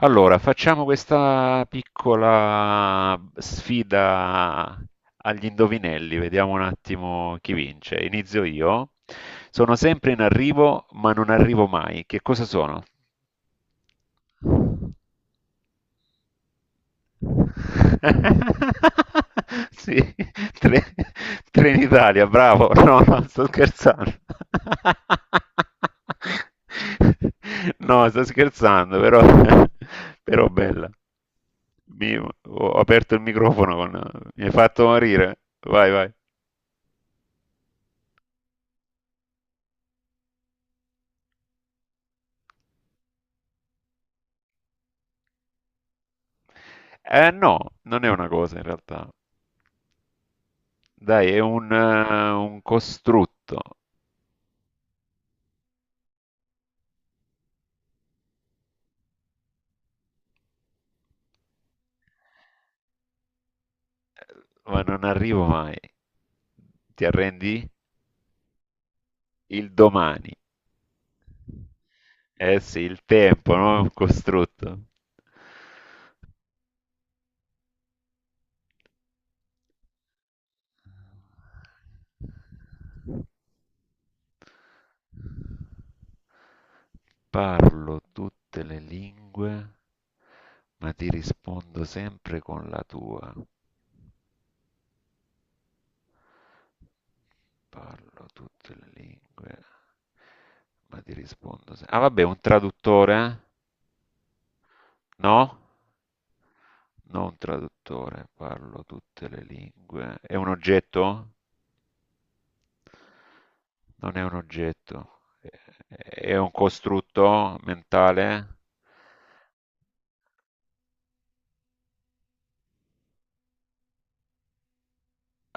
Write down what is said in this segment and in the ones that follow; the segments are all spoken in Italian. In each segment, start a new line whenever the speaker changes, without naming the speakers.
Allora, facciamo questa piccola sfida agli indovinelli, vediamo un attimo chi vince. Inizio io. Sono sempre in arrivo, ma non arrivo mai. Che cosa sono? Sì, Tre- Trenitalia, bravo. No, no, sto scherzando. No, sto scherzando, però, però bella. Ho aperto il microfono con... Mi hai fatto morire. Vai, vai. Eh no, non è una cosa in realtà. Dai, è un costrutto, ma non arrivo mai. Ti arrendi? Il domani. Eh sì, il tempo, no? È un costrutto. Parlo tutte le lingue, ma ti rispondo sempre con la tua. Parlo tutte le lingue, ma ti rispondo ah, vabbè, un traduttore? Eh? No? Non un traduttore, parlo tutte le lingue. È un oggetto? Non è un oggetto. È un costrutto mentale?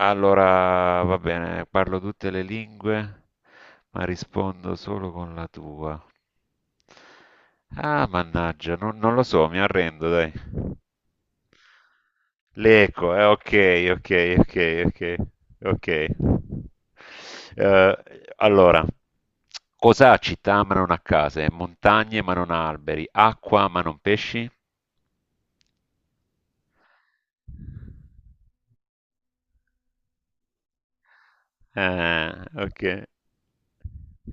Allora, va bene, parlo tutte le lingue, ma rispondo solo con la tua. Ah, mannaggia, non lo so, mi arrendo, dai. L'eco, ok, ok, ok, ok, ok. Eh, allora, cos'ha città ma non ha case, montagne ma non ha alberi, acqua ma non pesci? Ok.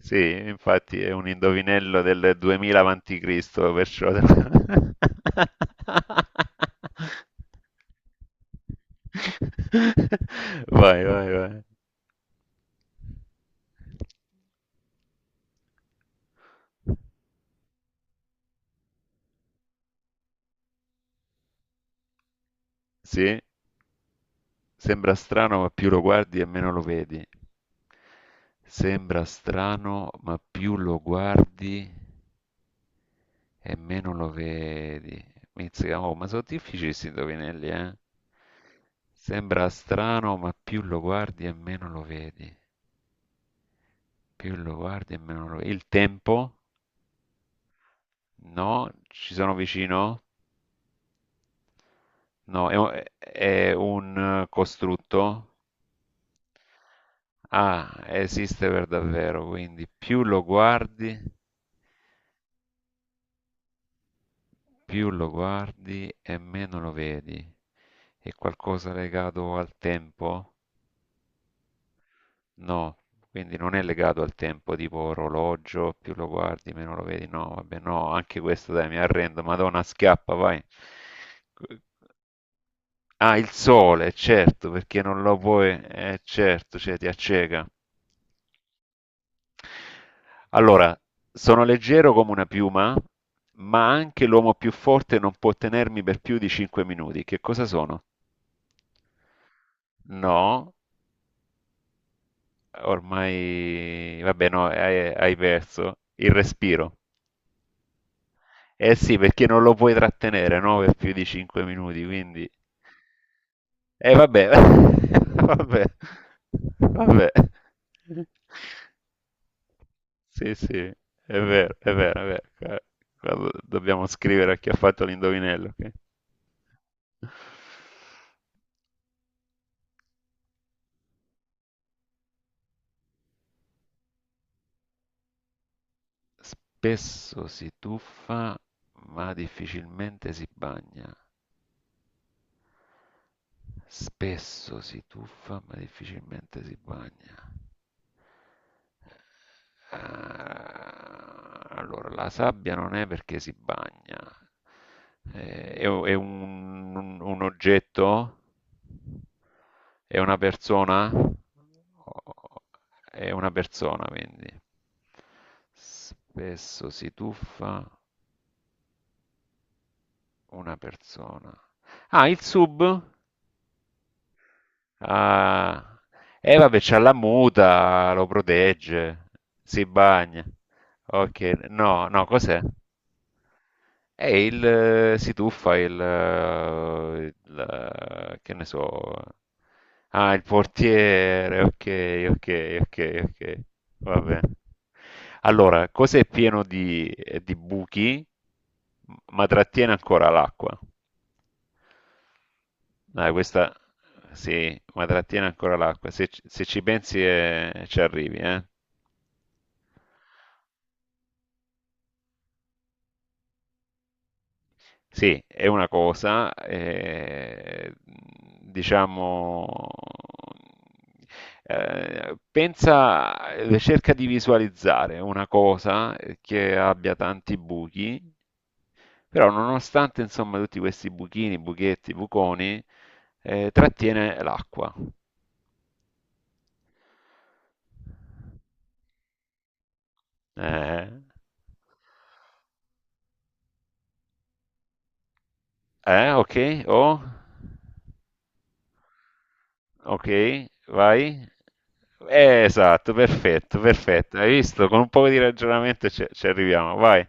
Sì, infatti è un indovinello del 2000 avanti Cristo, perciò... Vai, vai, vai. Sì, sembra strano, ma più lo guardi e meno lo vedi. Sembra strano, ma più lo guardi e meno lo vedi. Mizzica, oh, ma sono difficili questi indovinelli, eh? Sembra strano, ma più lo guardi e meno lo vedi. Più lo guardi e meno lo vedi. Il tempo? No? Ci sono vicino? No, è un costrutto? Ah, esiste per davvero, quindi più lo guardi. Più lo guardi e meno lo vedi. È qualcosa legato al tempo? No, quindi non è legato al tempo, tipo orologio, più lo guardi, meno lo vedi. No, vabbè, no, anche questo dai, mi arrendo. Madonna, schiappa, vai. Ah, il sole, certo, perché non lo puoi, certo, cioè ti acceca. Allora, sono leggero come una piuma, ma anche l'uomo più forte non può tenermi per più di 5 minuti. Che cosa sono? No, ormai, vabbè, no, hai perso il respiro. Eh sì, perché non lo puoi trattenere, no, per più di 5 minuti, quindi... Eh vabbè, vabbè, vabbè. Sì, sì, è vero, è vero, è vero. Quando dobbiamo scrivere a chi ha fatto l'indovinello, ok? Spesso si tuffa, ma difficilmente si bagna. Spesso si tuffa ma difficilmente si bagna. Ah, allora, la sabbia non è perché si bagna. È un oggetto? È una persona? O- È una persona, quindi. Spesso si tuffa una persona. Ah, il sub? Ah, e vabbè, c'ha la muta, lo protegge, si bagna. Ok, no, no, cos'è? È il, si tuffa il, che ne so, ah, il portiere, ok, ok, ok, ok, va bene. Allora, cos'è pieno di buchi, ma trattiene ancora l'acqua? Dai, questa sì, ma trattiene ancora l'acqua. Se ci pensi ci arrivi, eh. Sì, è una cosa, diciamo, pensa, cerca di visualizzare una cosa che abbia tanti buchi, però nonostante insomma tutti questi buchini, buchetti, buconi, trattiene l'acqua. Eh, ok, oh. Ok, vai. Esatto, perfetto, perfetto. Hai visto? Con un po' di ragionamento ci arriviamo. Vai.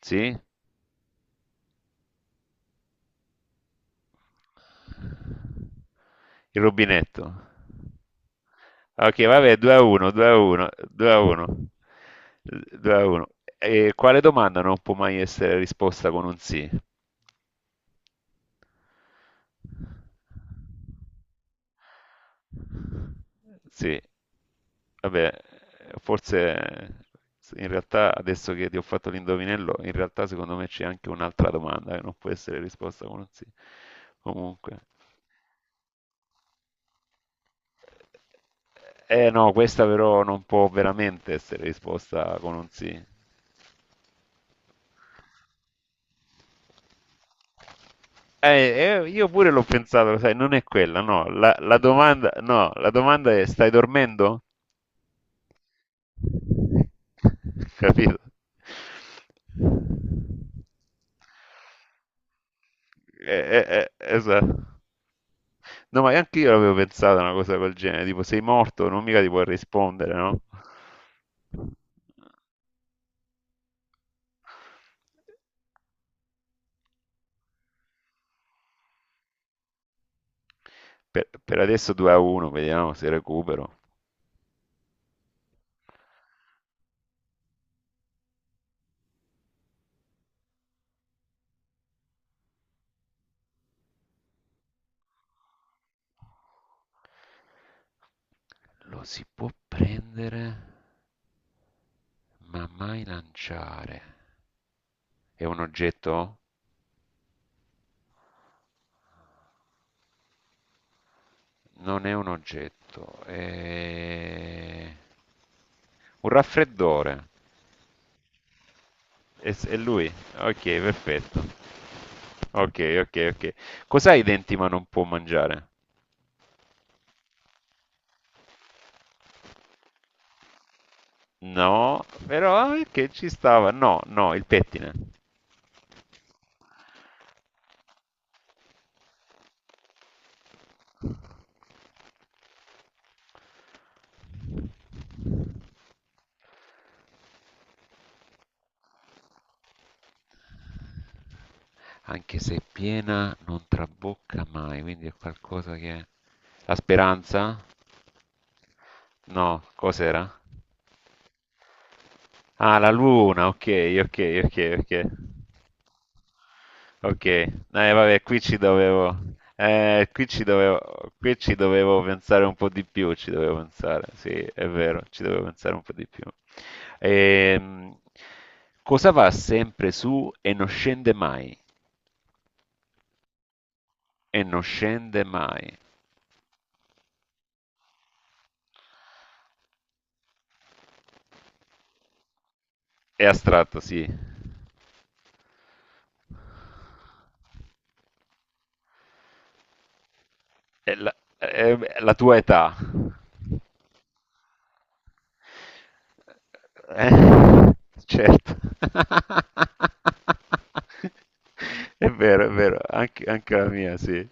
Sì? Il rubinetto. Ok, vabbè, 2-1, 2-1, 2-1, 2 a 1. E quale domanda non può mai essere risposta con un sì? Sì, vabbè, forse in realtà adesso che ti ho fatto l'indovinello, in realtà secondo me c'è anche un'altra domanda che non può essere risposta con un sì. Comunque. Eh no, questa però non può veramente essere risposta con un sì. Io pure l'ho pensato, lo sai, non è quella, no. La domanda, no, la domanda è stai dormendo? Capito? Esatto. No, ma anche io avevo pensato a una cosa del genere, tipo sei morto, non mica ti puoi rispondere, no? Per adesso 2-1, vediamo se recupero. Lo si può prendere, ma mai lanciare. È un oggetto? Non è un oggetto, è un raffreddore. È lui? Ok, perfetto. Ok, ok, ok. Cos'ha i denti ma non può mangiare? No, però che ci stava? No, no, il pettine. Anche se è piena non trabocca mai, quindi è qualcosa che... La speranza? No, cos'era? Ah, la luna, ok, ok, ok, ok. Ok, vabbè, eh, qui ci dovevo, qui ci dovevo pensare un po' di più, ci dovevo pensare, sì, è vero, ci dovevo pensare un po' di più. Ehm, cosa va sempre su e non scende mai? E non scende mai. È astratto, sì. È la tua età. Eh, certo. È vero, anche la mia, sì.